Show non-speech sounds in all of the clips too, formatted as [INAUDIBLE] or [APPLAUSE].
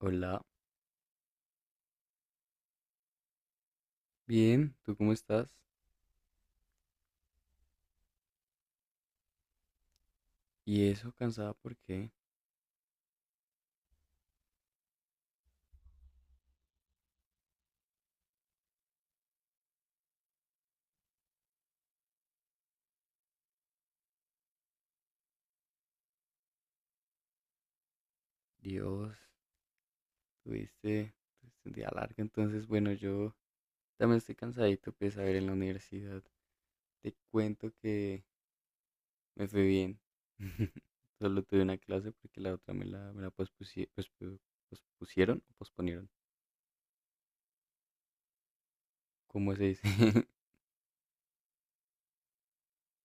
Hola, bien, ¿tú cómo estás? ¿Y eso cansada por qué? Dios, tuviste, tuviste un día largo, entonces bueno, yo también estoy cansadito, pues a ver, en la universidad te cuento que me fue bien. [LAUGHS] Solo tuve una clase porque la otra me la pospusieron o posponieron, ¿cómo se dice?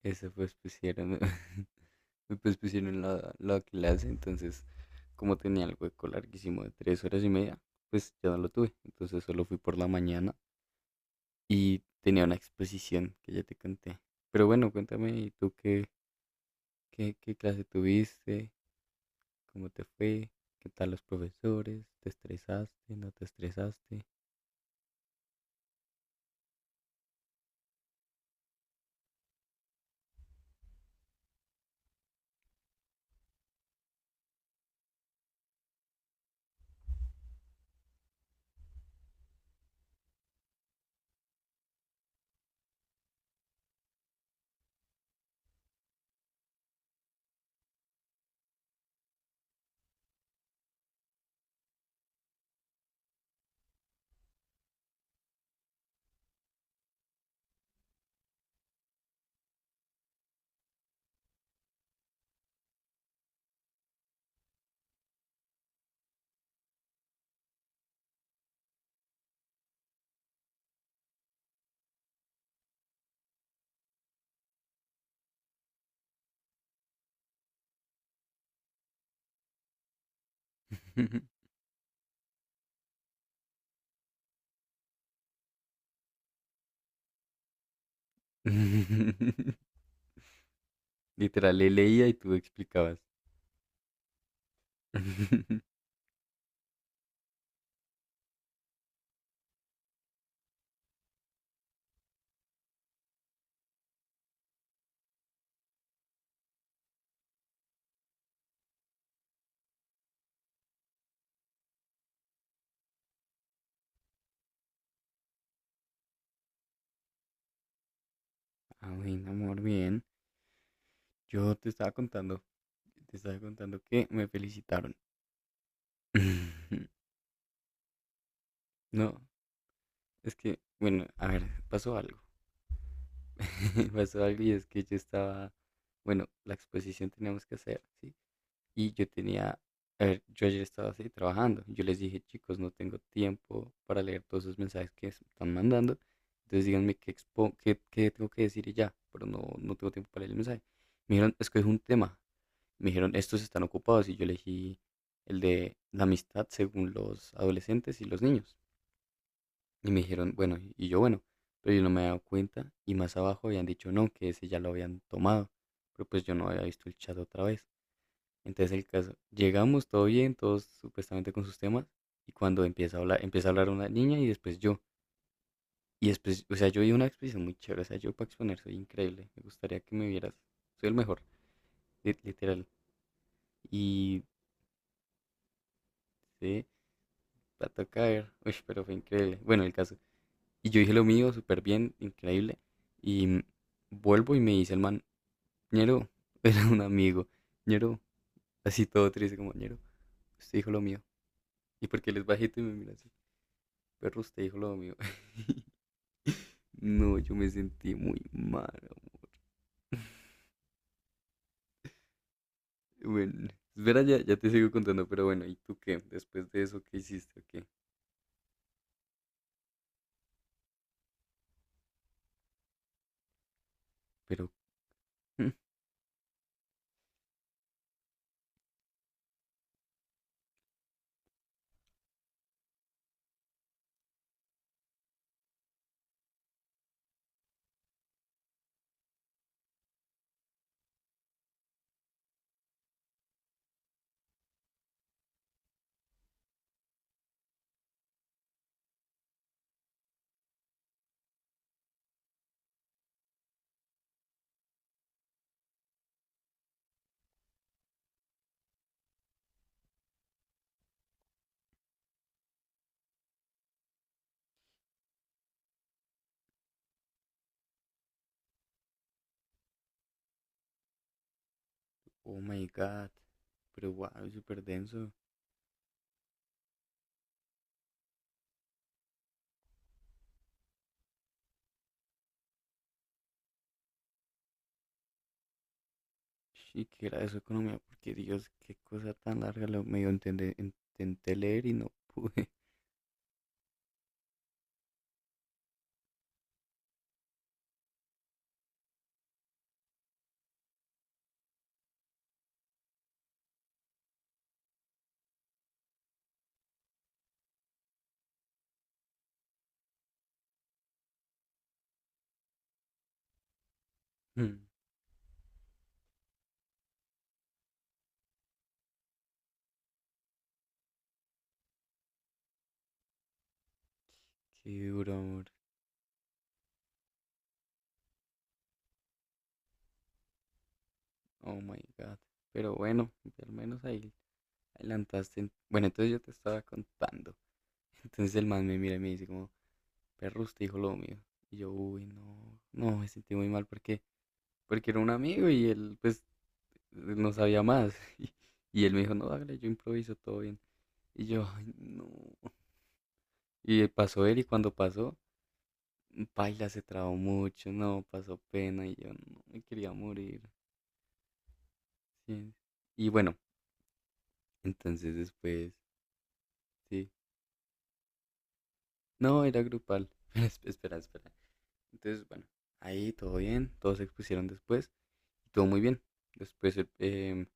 Esa pues pusieron, [LAUGHS] pues pusieron la clase, entonces como tenía el hueco larguísimo de 3 horas y media, pues ya no lo tuve. Entonces solo fui por la mañana y tenía una exposición que ya te conté. Pero bueno, cuéntame, ¿Tú qué clase tuviste? ¿Cómo te fue? ¿Qué tal los profesores? ¿Te estresaste? ¿No te estresaste? [LAUGHS] Literal, le leía y tú explicabas. [LAUGHS] Ah, bueno, amor, bien. Yo te estaba contando que me felicitaron. [LAUGHS] No, es que, bueno, a ver, pasó algo. [LAUGHS] Pasó algo y es que yo estaba, bueno, la exposición teníamos que hacer, ¿sí? Y yo tenía, a ver, yo ayer estaba así trabajando. Yo les dije, chicos, no tengo tiempo para leer todos esos mensajes que se están mandando. Entonces díganme qué, qué tengo que decir y ya, pero no tengo tiempo para leer el mensaje. Me dijeron, es que es un tema. Me dijeron, estos están ocupados y yo elegí el de la amistad según los adolescentes y los niños. Y me dijeron, bueno, y yo, bueno, pero yo no me había dado cuenta y más abajo habían dicho no, que ese ya lo habían tomado, pero pues yo no había visto el chat otra vez. Entonces el caso, llegamos todo bien, todos supuestamente con sus temas y cuando empieza a hablar una niña y después yo. Y después, o sea, yo di una exposición muy chévere, o sea, yo para exponer soy increíble, me gustaría que me vieras, soy el mejor, literal. Y sí, la toca ver. [LAUGHS] Uy, pero fue increíble. Bueno, el caso. Y yo dije lo mío, súper bien, increíble. Y vuelvo y me dice el man, ñero, [LAUGHS] era un amigo, ñero, así todo triste como, ñero, usted dijo lo mío. Y porque él es bajito y me mira así, perro, usted dijo lo mío. [LAUGHS] No, yo me sentí muy mal, amor. Bueno, espera, ya te sigo contando, pero bueno, ¿y tú qué? Después de eso, ¿qué hiciste? ¿O qué? Pero, [LAUGHS] oh my God, pero wow, súper denso. Y que era de su economía, porque Dios, qué cosa tan larga, lo medio intenté leer y no [LAUGHS] pude. Mm, Qué duro, amor. Oh my God. Pero bueno, al menos ahí adelantaste. Bueno, entonces yo te estaba contando. [LAUGHS] Entonces el man me mira y me dice como, perro, usted dijo lo mío. Y yo, uy, no, no, me sentí muy mal porque era un amigo y él, pues, no sabía más. [LAUGHS] Y él me dijo, no, hágale, yo improviso, todo bien. Y yo, ay, no. Y pasó él y cuando pasó, Paila se trabó mucho, no, pasó pena y yo no me quería morir. Sí. Y bueno, entonces después, sí. No, era grupal. [LAUGHS] Espera, espera. Entonces, bueno, ahí todo bien, todos se expusieron después y todo muy bien. Después eh, em,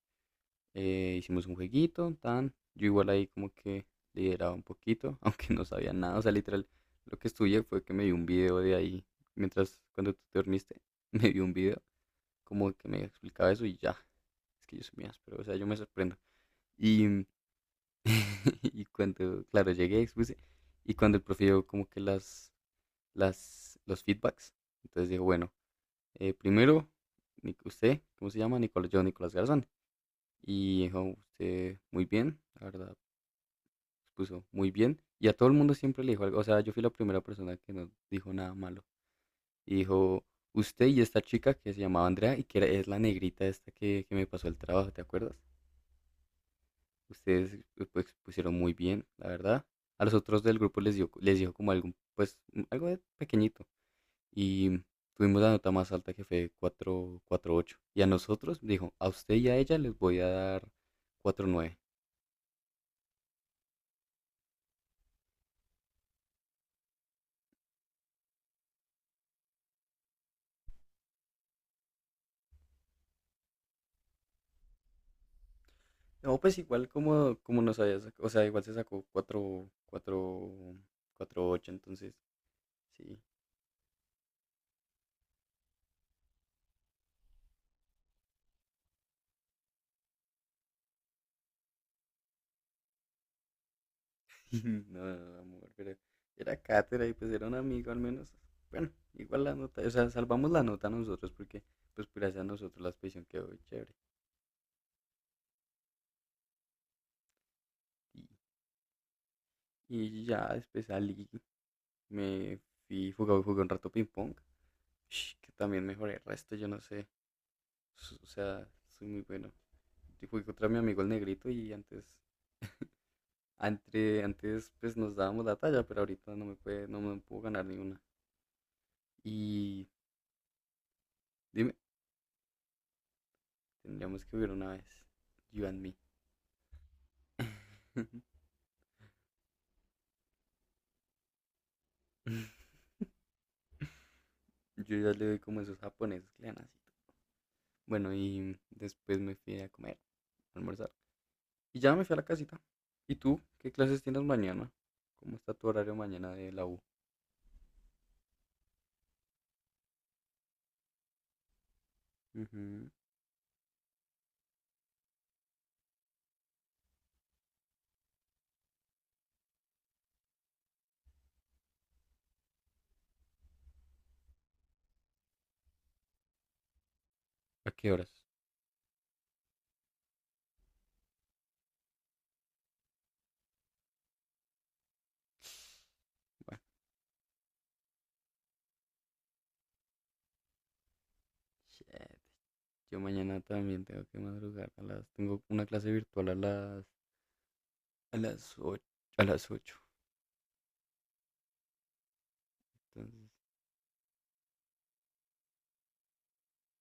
eh, hicimos un jueguito, tan. Yo igual ahí como que lideraba un poquito, [LAUGHS] aunque no sabía nada. O sea, literal, lo que estudié fue que me vi un video de ahí, mientras cuando tú te dormiste, [LAUGHS] me vi un video como que me explicaba eso y ya. Es que yo soy mías, pero o sea, yo me sorprendo. Y, [LAUGHS] y cuando, claro, llegué, expuse, y cuando el profe dio como que los feedbacks, entonces dijo, bueno, primero, usted, ¿cómo se llama? Nicolás, yo, Nicolás Garzón. Y dijo, usted, muy bien, la verdad, puso muy bien. Y a todo el mundo siempre le dijo algo, o sea, yo fui la primera persona que no dijo nada malo. Y dijo, usted y esta chica que se llamaba Andrea y que es la negrita esta que me pasó el trabajo, ¿te acuerdas? Ustedes pues pusieron muy bien, la verdad. A los otros del grupo les dijo como algo, pues algo de pequeñito. Y tuvimos la nota más alta que fue 4.48. Y ocho. Y a nosotros dijo, a usted y a ella les voy a dar 4.9. No, pues igual como nos había sacado, o sea, igual se sacó 4, 4, ocho entonces sí. [LAUGHS] No, no, no, amor, pero era cátedra y pues era un amigo al menos. Bueno, igual la nota, o sea, salvamos la nota nosotros porque pues gracias a nosotros la expedición quedó chévere. Y, y ya después salí, me fui, jugué un rato ping pong, [SNIFFS] que también mejoré el resto, yo no sé, o sea, soy muy bueno. Yo jugué contra mi amigo el negrito y antes pues nos dábamos la talla, pero ahorita no me puedo ganar ni una. Y dime, tendríamos que hubiera una vez, you and me. [LAUGHS] Yo ya le doy como esos japoneses que le dan así. Bueno, y después me fui a comer, a almorzar. Y ya me fui a la casita. ¿Y tú? ¿Qué clases tienes mañana? ¿Cómo está tu horario mañana de la U? Ujú. ¿A qué horas? Bueno, shit. Yo mañana también tengo que madrugar. Tengo una clase virtual a las 8 A las ocho. Entonces,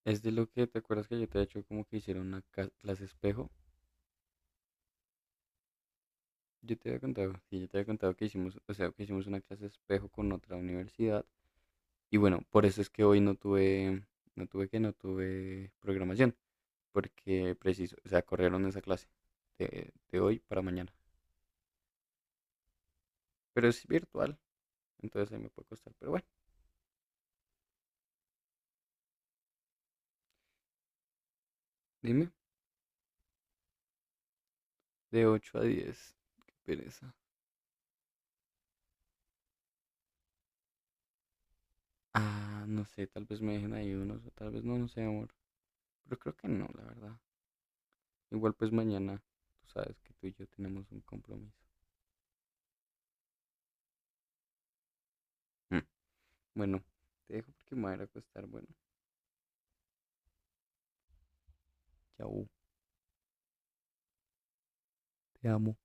es de lo que te acuerdas que yo te había hecho como que hicieron una clase espejo. Yo te había contado, sí, yo te había contado que hicimos, o sea, que hicimos una clase espejo con otra universidad. Y bueno, por eso es que hoy no tuve programación, porque preciso, o sea, corrieron esa clase de hoy para mañana. Pero es virtual, entonces ahí me puede costar. Pero bueno, dime, de 8 a 10 qué pereza. Ah, no sé, tal vez me dejen ahí unos, o tal vez no, no sé, amor. Pero creo que no, la verdad. Igual pues mañana, tú sabes que tú y yo tenemos un compromiso. Mm. Bueno, te dejo porque me voy a ir a acostar. Bueno, chao, te amo.